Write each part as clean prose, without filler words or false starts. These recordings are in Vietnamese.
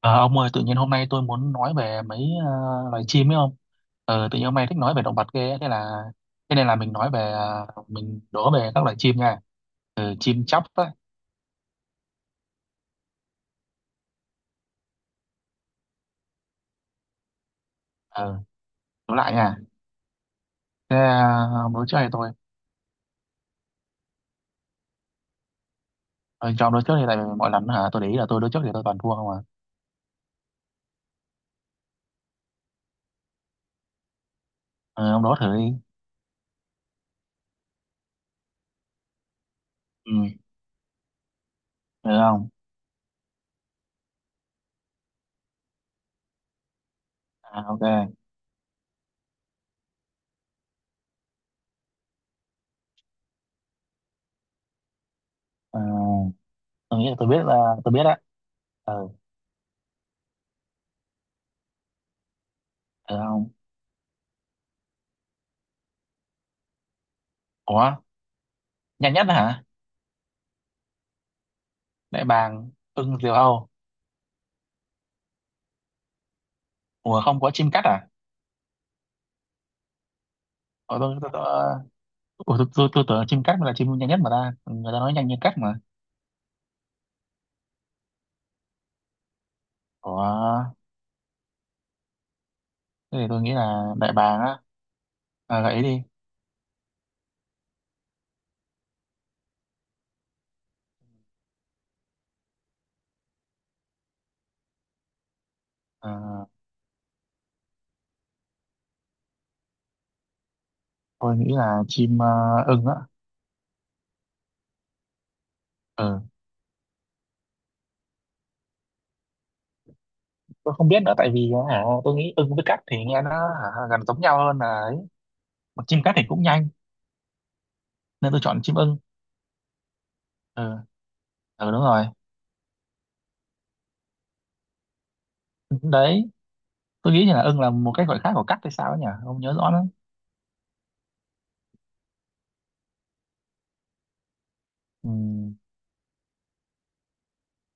Ờ, ông ơi, tự nhiên hôm nay tôi muốn nói về mấy ờ, loài chim ấy không? Tự nhiên hôm nay thích nói về động vật ghê, ấy. Thế nên là mình nói về mình đố về các loài chim nha. Chim chóc á, ờ, đố lại nha. Thế, ông đố trước hay tôi? Ờ, cho ông đố trước thì tại vì mọi lần hả, tôi để ý là tôi đố trước thì tôi toàn thua không à. Ờ, ông đố thử đi. Ừ, được không? À, ok. Ờ, tôi nghĩ là tôi biết á. Ờ, Được không? Ủa, nhanh nhất hả? Đại bàng, ưng, diều hâu. Ủa, không có chim cắt à? Ờ, tôi, tôi, tôi, Ủa, tôi tưởng chim cắt mới là chim nhanh nhất mà ta, người ta nói nhanh như cắt mà. Ủa, thế thì tôi nghĩ là đại bàng á. À, gợi ý đi. Ờ, tôi nghĩ là chim, ưng á. Ừ, tôi không biết nữa tại vì, hả, tôi nghĩ ưng với cắt thì nghe nó hả, gần giống nhau hơn là ấy. Mà chim cắt thì cũng nhanh nên tôi chọn chim ưng. Ừ. Ừ, đúng rồi đấy. Tôi nghĩ là ưng là một cái gọi khác của cắt hay sao ấy nhỉ, không nhớ rõ lắm. Ừ.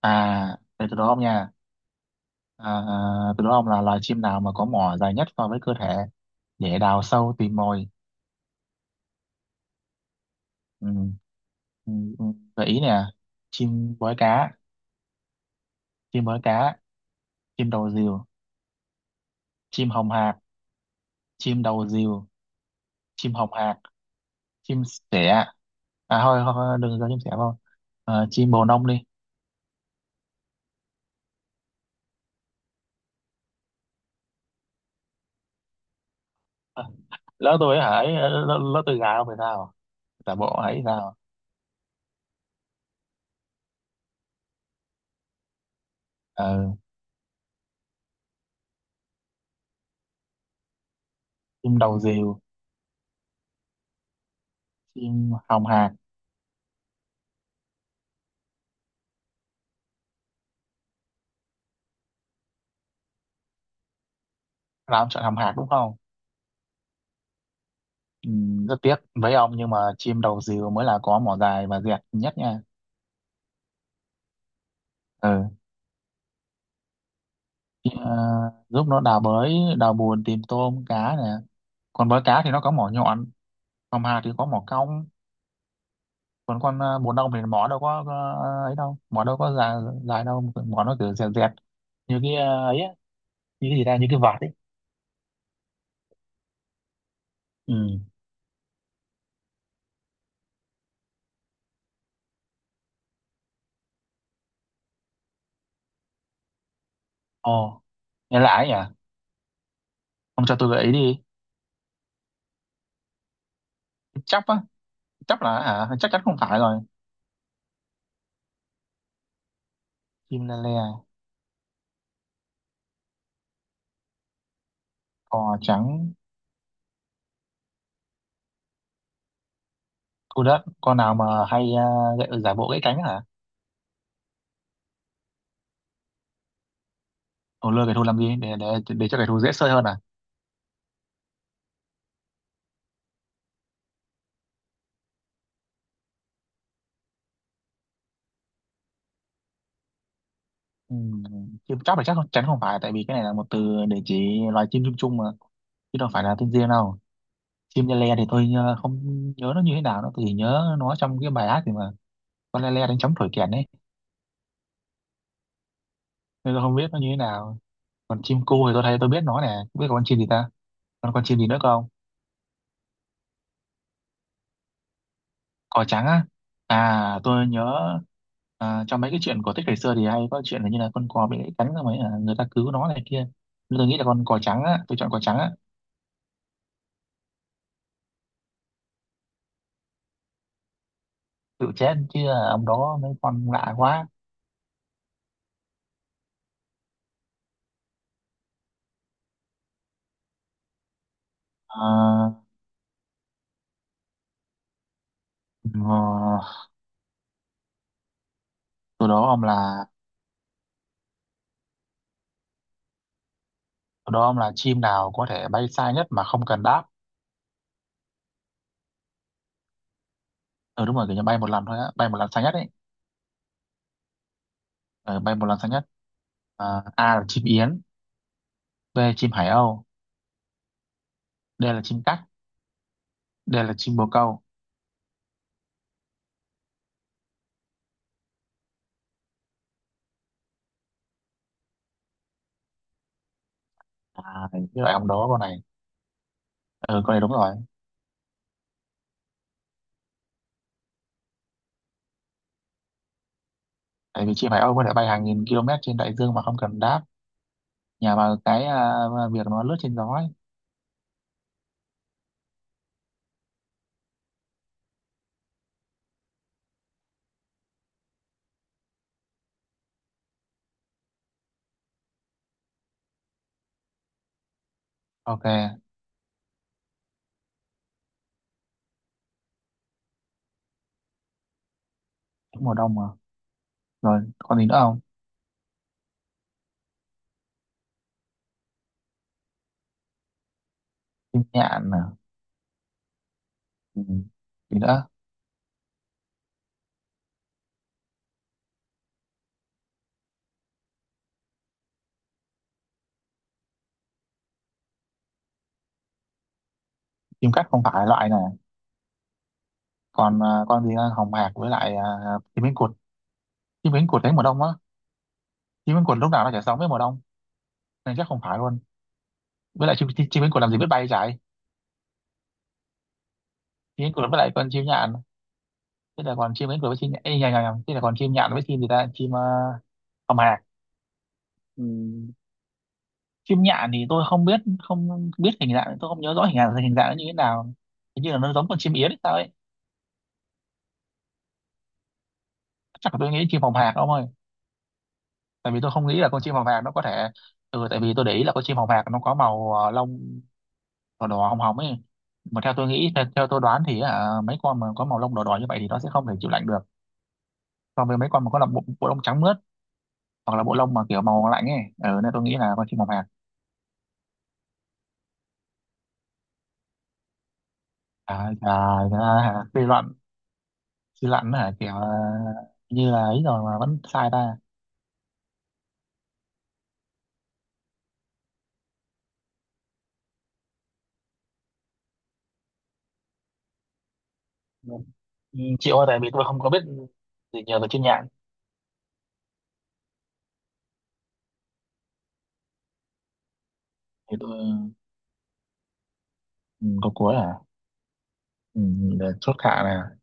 À, để tôi đố ông nha. À, từ đó ông là loài chim nào mà có mỏ dài nhất so với cơ thể để đào sâu tìm mồi. Ừ. Ừ. Ừ. Gợi ý nè, chim bói cá, chim bói cá, chim đầu rìu, chim hồng hạc, chim đầu rìu, chim hồng hạc, chim sẻ. À thôi, thôi đừng cho chim sẻ vào. Chim bồ nông đi. Ờ, Lỡ tôi ấy hả? Lỡ tôi gà không phải sao? Giả bộ ấy sao? Ờ, Chim đầu rìu, chim hồng hạc. Là ông chọn hồng hạc đúng không? Ừ, rất tiếc với ông nhưng mà chim đầu dìu mới là có mỏ dài và dẹt nhất nha. Ừ. Ờ, Giúp nó đào bới, đào bùn tìm tôm cá nè. Còn với cá thì nó có mỏ nhọn, còn hà thì có mỏ cong, còn con, bùn ong thì mỏ đâu có, ấy đâu, mỏ đâu có dài, dài đâu, mỏ nó cứ dẹt dẹt như cái, ấy á, như cái gì ra, như cái vạt ấy. Ừ. Ồ, nghe lạ ấy nhỉ. Ông cho tôi gợi ý đi. Chóc á? Chóc là hả, chắc chắn không phải rồi. Chim le le. Cò trắng. Thu đất, con nào mà hay giả bộ gãy cánh hả? Thù lừa cái thù làm gì? Để cho cái thù dễ sơi hơn à? Ừ, chứ chắc là chắc không- chắn không phải, tại vì cái này là một từ để chỉ loài chim chung chung mà, chứ đâu phải là tên riêng đâu. Chim le le thì tôi, không nhớ nó như thế nào, nó tôi chỉ nhớ nó trong cái bài hát thì mà. Con le le đánh trống thổi kèn ấy, nên tôi không biết nó như thế nào. Còn chim cu thì tôi thấy, tôi biết nó nè, không biết còn con chim gì ta? Còn con chim gì nữa không? Cò trắng á. À, tôi nhớ. À, trong mấy cái chuyện cổ tích ngày xưa thì hay có chuyện là như là con cò bị gãy cánh rồi mấy là người ta cứu nó này kia, nên tôi nghĩ là con cò trắng á, tôi chọn cò trắng á. Tự chết chứ, à ông đó mấy con lạ quá. à, ờ, Từ đó ông là, chim nào có thể bay xa nhất mà không cần đáp. Ừ, đúng rồi, kiểu như bay một lần thôi á, bay một lần xa nhất ấy. Ừ, bay một lần xa nhất. À, A là chim yến, B là chim hải âu, D là chim cắt, D là chim bồ câu. À, cái loại ông đó con này. Ừ, con này đúng rồi. Tại vì chị Hải Âu có thể bay hàng nghìn km trên đại dương mà không cần đáp, nhờ vào cái, việc nó lướt trên gió ấy. Ok. Cũng mùa đông mà. Rồi còn gì nữa không? Chim nhạn nè. Ừ. Gì nữa? Chim cắt không phải loại này. Còn, con gì nữa? Hồng hạc với lại, chim cánh cụt. Chim cánh cụt đến mùa đông á, chim cánh cụt lúc nào nó chả sống với mùa đông nên chắc không phải luôn. Với lại chim chim, chim cánh cụt làm gì biết bay chạy. Chim cánh cụt với lại con chim nhạn. Thế là còn chim cánh cụt với chim nhạn. Ê, nhầm, nhầm, nhầm. Thế là còn chim nhạn với chim gì ta, chim, hồng hạc. Ừ. Chim nhạn thì tôi không biết, không biết hình dạng, tôi không nhớ rõ hình dạng, hình dạng nó như thế nào. Hình như là nó giống con chim yến hay sao ấy. Chắc là tôi nghĩ chim phòng hạc ông ơi. Tại vì tôi không nghĩ là con chim phòng hạc nó có thể. Ừ, tại vì tôi để ý là con chim phòng hạc nó có màu, lông đỏ đỏ hồng hồng ấy. Mà theo tôi nghĩ, theo tôi đoán thì à, mấy con mà có màu lông đỏ đỏ như vậy thì nó sẽ không thể chịu lạnh được, so với mấy con mà có là bộ lông trắng mướt, hoặc là bộ lông mà kiểu màu lạnh ấy. Ừ, nên tôi nghĩ là con chim phòng hạc. À, à, suy luận, hả, kiểu, như là ấy rồi mà vẫn sai ta. Vâng. Ừ, chịu thôi tại vì tôi không có biết gì, nhờ tôi chuyên nhạn. Thì tôi, ừ, có cuối à. Ừ, để chốt hạ nè.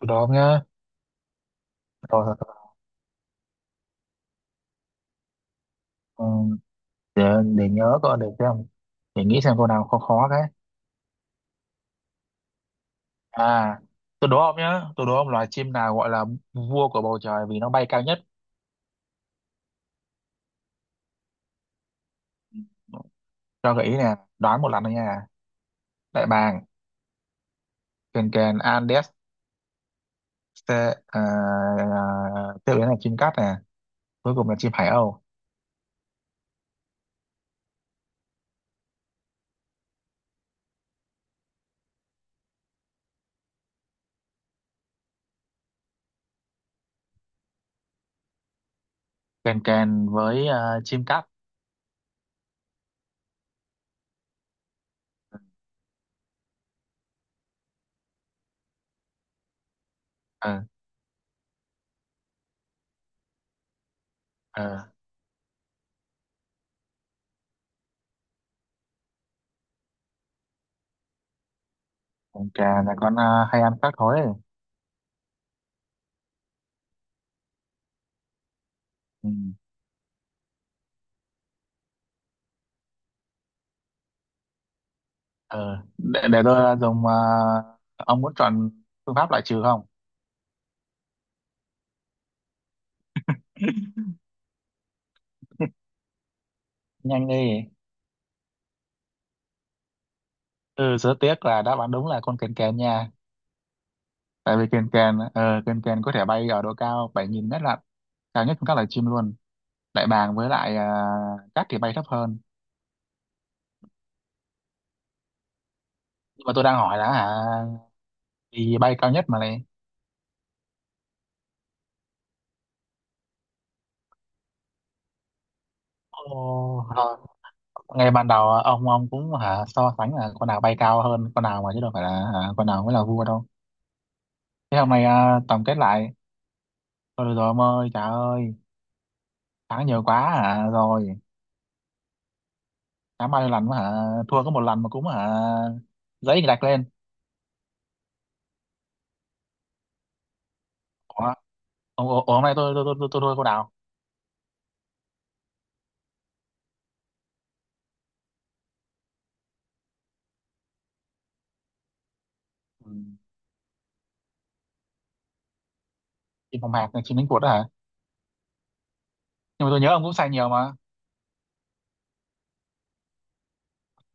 Tôi đó nhá. Rồi, rồi, rồi. Ừ, để, để nhớ coi, để xem, để nghĩ xem câu nào khó khó cái. À, tôi đố ông nhá, tôi đố ông loài chim nào gọi là vua của bầu trời vì nó bay cao nhất. Ừ, cho gợi ý nè, đoán một lần thôi nha. Đại bàng, kền kền Andes. Ste- à, Tiếp đến là chim cát nè, cuối cùng là chim hải âu. Kền kền với, chim cát. Ừ. ờ Còn trà là con, hay ăn khác thôi. Ừ. ờ để, tôi dùng, ông muốn chọn phương pháp loại trừ không? Nhanh đi. Ừ, rất tiếc là đáp án đúng là con kèn kèn nha. Tại vì kèn kèn, kèn kèn có thể bay ở độ cao 7.000 mét lận, cao nhất trong các loài chim luôn. Đại bàng với lại cát thì bay thấp hơn. Nhưng mà tôi đang hỏi là hả, thì bay cao nhất mà này. Ồ, rồi. Ngay ban đầu ông cũng hả so sánh là con nào bay cao hơn con nào mà, chứ đâu phải là hả, con nào mới là vua đâu. Thế hôm nay, à tổng kết lại. Thôi được rồi ông ơi, trời ơi. Thắng nhiều quá hả rồi. Thắng bao nhiêu lần mà hả, thua có một lần mà cũng hả. Giấy gạch lên. Ủa, ủa, ủa, hôm nay tôi tôi thua cô Đào. Ừ. Chim phòng hạt này, chim đánh cuột đó hả. Nhưng mà tôi nhớ ông cũng sai nhiều mà.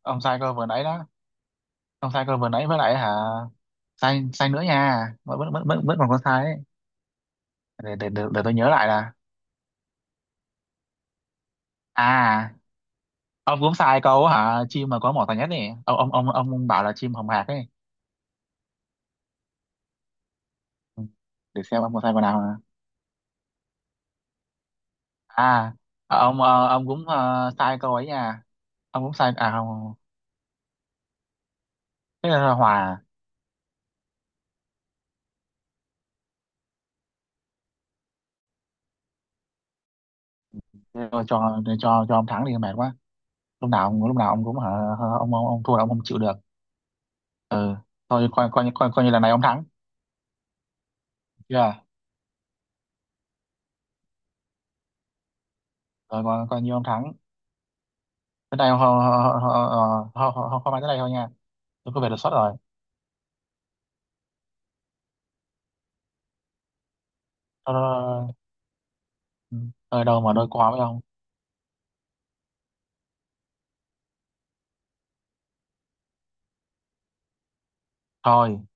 Ông sai cơ vừa nãy đó. Ông sai cơ vừa nãy với lại hả. Sai sai nữa nha. Vẫn còn có sai ấy. Để tôi nhớ lại là. À, ông cũng sai câu hả, chim mà có mỏ tàn nhất này, ông bảo là chim hồng hạc ấy. Ừ. Để xem ông có sai câu nào. à ông, ông cũng, sai câu ấy nha. Ông cũng sai à, không, thế là hòa rồi. Cho ông thắng đi, mệt quá. Lúc nào ông cũng hả, ông thua là ông không chịu được. Ừ, thôi coi, coi như lần này ông thắng. Chưa, rồi coi, coi như ông thắng. Tới đây họ họ họ họ họ tới đây thôi nha, tôi có về đột xuất rồi. Thôi, thôi, thôi. Ừ. Ờ, đâu mà đôi co với ông. Thôi.